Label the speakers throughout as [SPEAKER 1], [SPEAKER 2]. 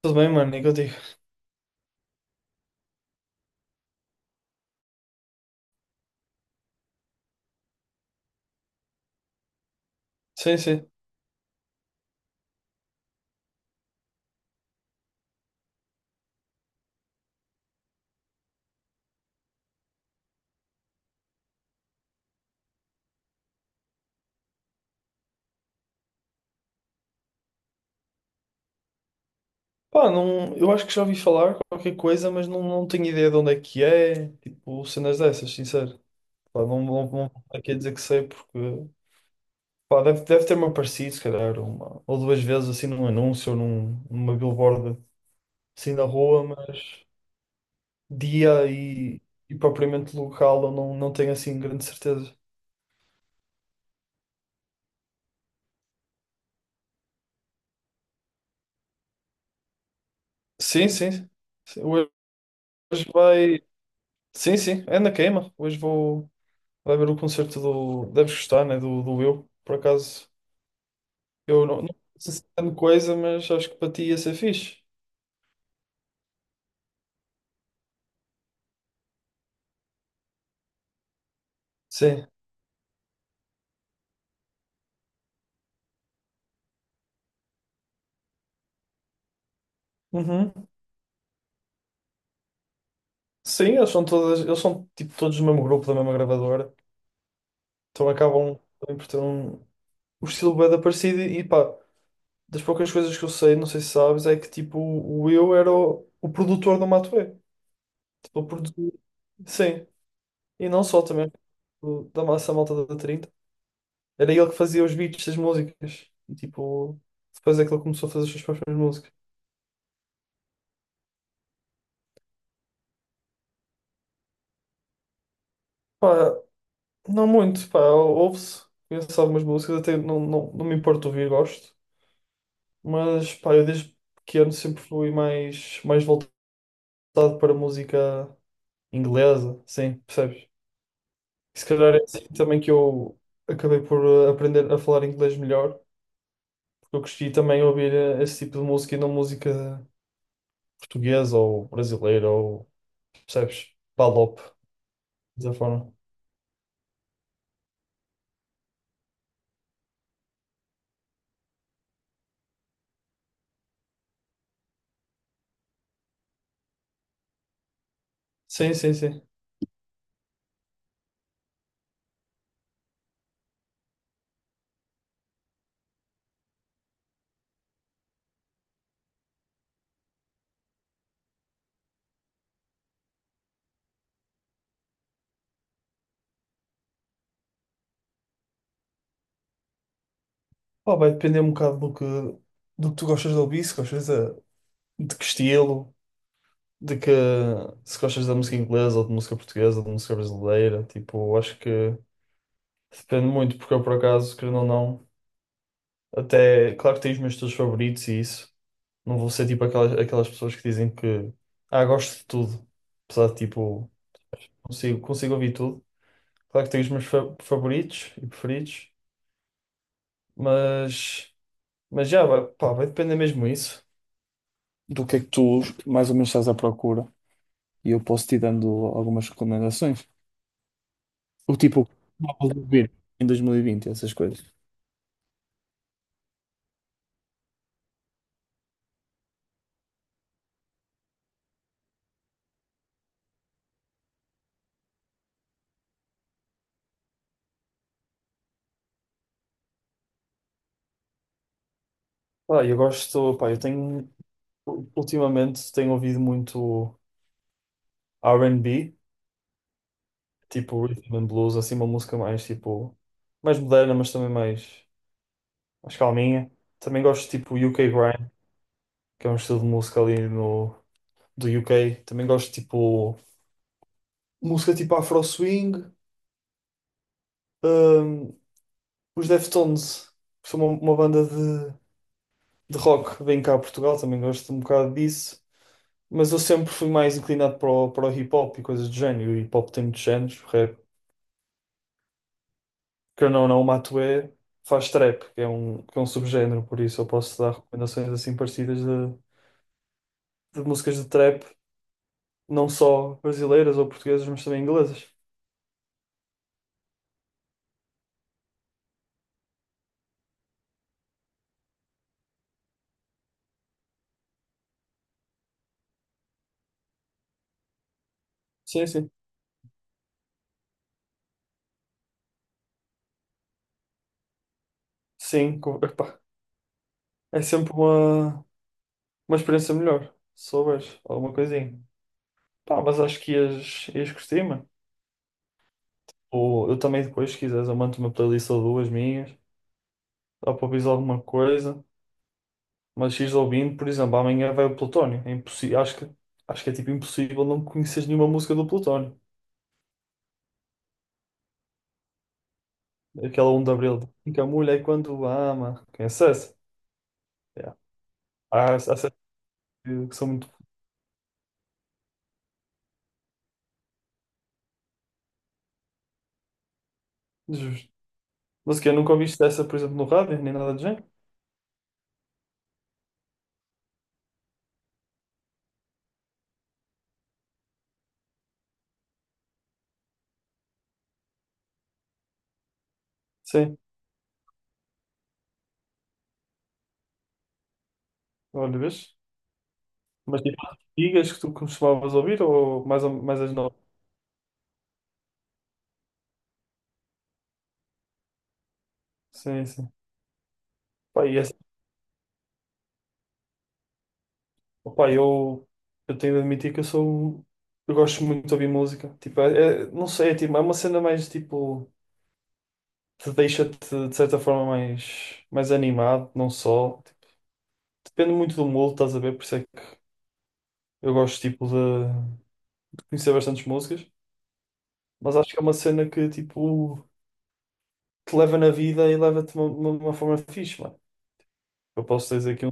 [SPEAKER 1] Tudo bem, mano, e contigo? Sim, sim. Pá, não, eu acho que já ouvi falar qualquer coisa, mas não, não tenho ideia de onde é que é, tipo, cenas dessas, sincero. Pá, não, não, não estou aqui a dizer que sei, porque, pá, deve ter-me aparecido, se calhar, uma ou duas vezes, assim, num anúncio ou numa billboard, assim, na rua, mas dia e propriamente local eu não, não tenho, assim, grande certeza. Sim, sim. Sim, hoje vai... Sim, sim, é na queima. Hoje vou... Vai ver o concerto do. Deves gostar, né? Do Eu. Por acaso, eu não, não sei se é grande coisa, mas acho que para ti ia ser fixe. Sim. Uhum. Sim, eles são tipo todos do mesmo grupo, da mesma gravadora. Então acabam também por ter o estilo bem parecido e pá, das poucas coisas que eu sei, não sei se sabes, é que tipo o Will era o produtor do Matuê. Tipo, ele produziu. Sim. E não só também da massa malta da Trinta. Era ele que fazia os beats das músicas. E tipo, depois é que ele começou a fazer as suas próprias músicas. Pá, não muito, pá, ouve-se. Conheço algumas músicas, até não, não, não me importo ouvir, gosto. Mas pá, eu desde pequeno sempre fui mais, mais voltado para música inglesa, sim, percebes? E se calhar é assim também que eu acabei por aprender a falar inglês melhor, porque eu cresci também a ouvir esse tipo de música e não música portuguesa ou brasileira ou, percebes? PALOP, dessa forma. Sim, sim, sim. Pá, vai depender um bocado do que tu gostas de ouvir, se gostas de que estilo, de que se gostas da música inglesa ou de música portuguesa ou de música brasileira. Tipo, eu acho que depende muito, porque eu por acaso, querendo ou não, até claro que tenho os meus estilos favoritos e isso. Não vou ser tipo aquelas pessoas que dizem que gosto de tudo. Apesar de tipo, consigo ouvir tudo. Claro que tenho os meus favoritos e preferidos, mas, mas já vai, pá, vai depender mesmo isso, do que é que tu mais ou menos estás à procura e eu posso te ir dando algumas recomendações. O tipo, o que estavas a ouvir em 2020, essas coisas. Ah, eu gosto, pá, eu tenho, ultimamente tenho ouvido muito R&B, tipo rhythm and blues, assim uma música mais tipo, mais moderna, mas também mais, mais calminha. Também gosto tipo UK Grime, que é um estilo de música ali no, do UK. Também gosto tipo, música tipo Afro Swing. Hum, os Deftones, que são uma banda de rock vem cá a Portugal, também gosto um bocado disso, mas eu sempre fui mais inclinado para o hip hop e coisas do género. E o hip hop tem muitos géneros, o rap, que eu não, não, o Matuê faz trap, que é um subgénero, por isso eu posso dar recomendações assim parecidas de músicas de trap, não só brasileiras ou portuguesas, mas também inglesas. Sim, sim. Sim, epá, é sempre uma experiência melhor, se souberes alguma coisinha. Pá, mas acho que ias curtir, mano. Ou eu também depois, se quiseres, eu mando uma playlist ou duas minhas. Dá para ouvir alguma coisa, mas ires ouvindo, por exemplo, amanhã vai o Plutónio. É impossível, acho que é tipo impossível não conheces nenhuma música do Plutónio. Aquela um de abril, que a mulher quando ama, conhece essa? Yeah. Há certas que são muito justas. Mas que eu nunca ouviste essa, por exemplo, no rádio, nem nada do género? Sim, olha, vês? Mas tipo, as antigas que tu costumavas ouvir ou mais, mais as novas? Sim, sim. Pá, e essa. Opa, eu tenho de admitir que eu sou. um, Eu gosto muito de ouvir música. Tipo, é, não sei, é, tipo, é uma cena mais tipo. Te deixa-te de certa forma mais, mais animado, não só. Tipo, depende muito do mood, estás a ver? Por isso é que eu gosto tipo, de conhecer bastantes músicas. Mas acho que é uma cena que tipo, te leva na vida e leva-te de uma forma fixe, mano. Eu posso dizer aqui um.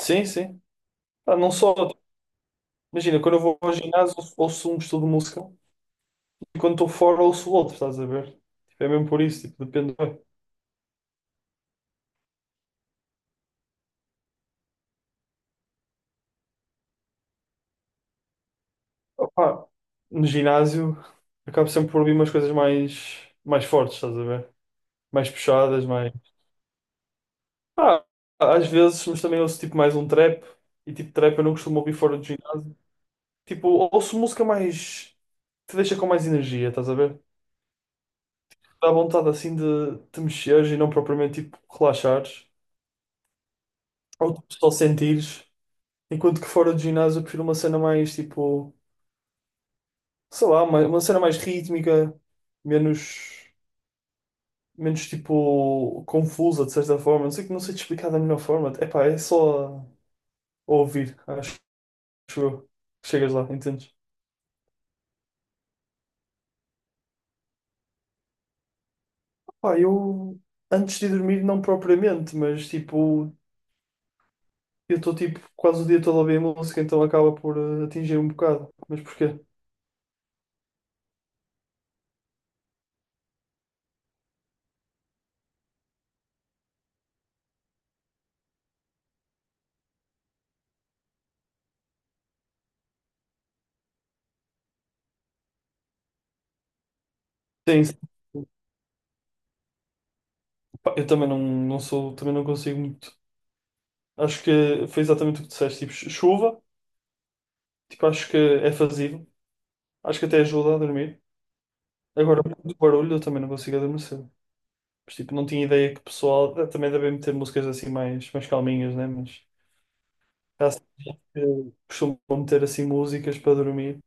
[SPEAKER 1] Sim, sim. Ah, não só. Imagina, quando eu vou ao ginásio, ouço um estudo de música. E quando estou fora ouço o outro, estás a ver? Tipo, é mesmo por isso, tipo, depende. Opá, no ginásio acabo sempre por ouvir umas coisas mais, mais fortes, estás a ver? Mais puxadas, mais. Ah, às vezes, mas também ouço tipo mais um trap e tipo trap eu não costumo ouvir fora do ginásio. Tipo, ouço música mais, te deixa com mais energia, estás a ver? Dá vontade assim de te mexeres e não propriamente tipo relaxares ou tipo, só sentires. Enquanto que fora do ginásio eu prefiro uma cena mais tipo, sei lá, uma cena mais rítmica, menos, menos tipo confusa de certa forma. Não sei, não sei te explicar da melhor forma. Epá, é só ouvir, acho eu. Chegas lá, entendes? Pá, eu antes de dormir, não propriamente, mas tipo, eu estou tipo quase o dia todo a ouvir música, então acaba por atingir um bocado. Mas porquê? Sim, sim. Pá, eu também não, não sou, também não consigo muito. Acho que foi exatamente o que disseste, tipo, chuva, tipo, acho que é fazível, acho que até ajuda a dormir. Agora, por muito barulho, eu também não consigo adormecer. Mas, tipo, não tinha ideia que o pessoal também devem meter músicas assim mais, mais calminhas, né? Mas já sei que costumam meter assim músicas para dormir.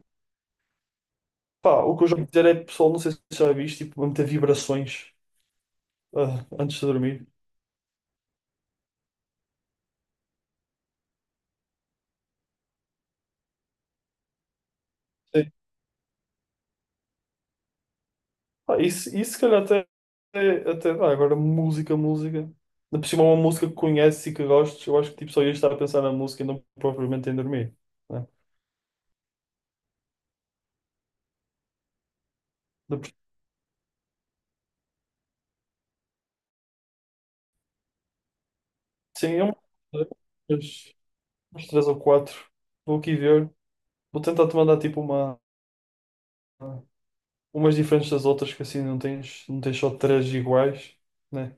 [SPEAKER 1] Pá, o que eu já ouvi dizer é, pessoal, não sei se já viste, tipo, vão meter vibrações antes de dormir. Sim. Pá, isso, se calhar, até dá. Agora, música, música. Ainda por cima, uma música que conheces e que gostes, eu acho que tipo, só ia estar a pensar na música e não propriamente em dormir. Né? Ainda por- Sim, é uma. Uns três ou quatro. Vou aqui ver. Vou tentar te mandar tipo umas diferentes das outras, que assim não tens, não tens só três iguais, né?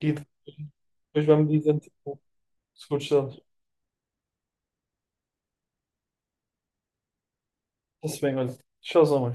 [SPEAKER 1] E depois vai-me dizendo tipo, se curtes delas. Está-se bem, olha. Tchauzão, mano.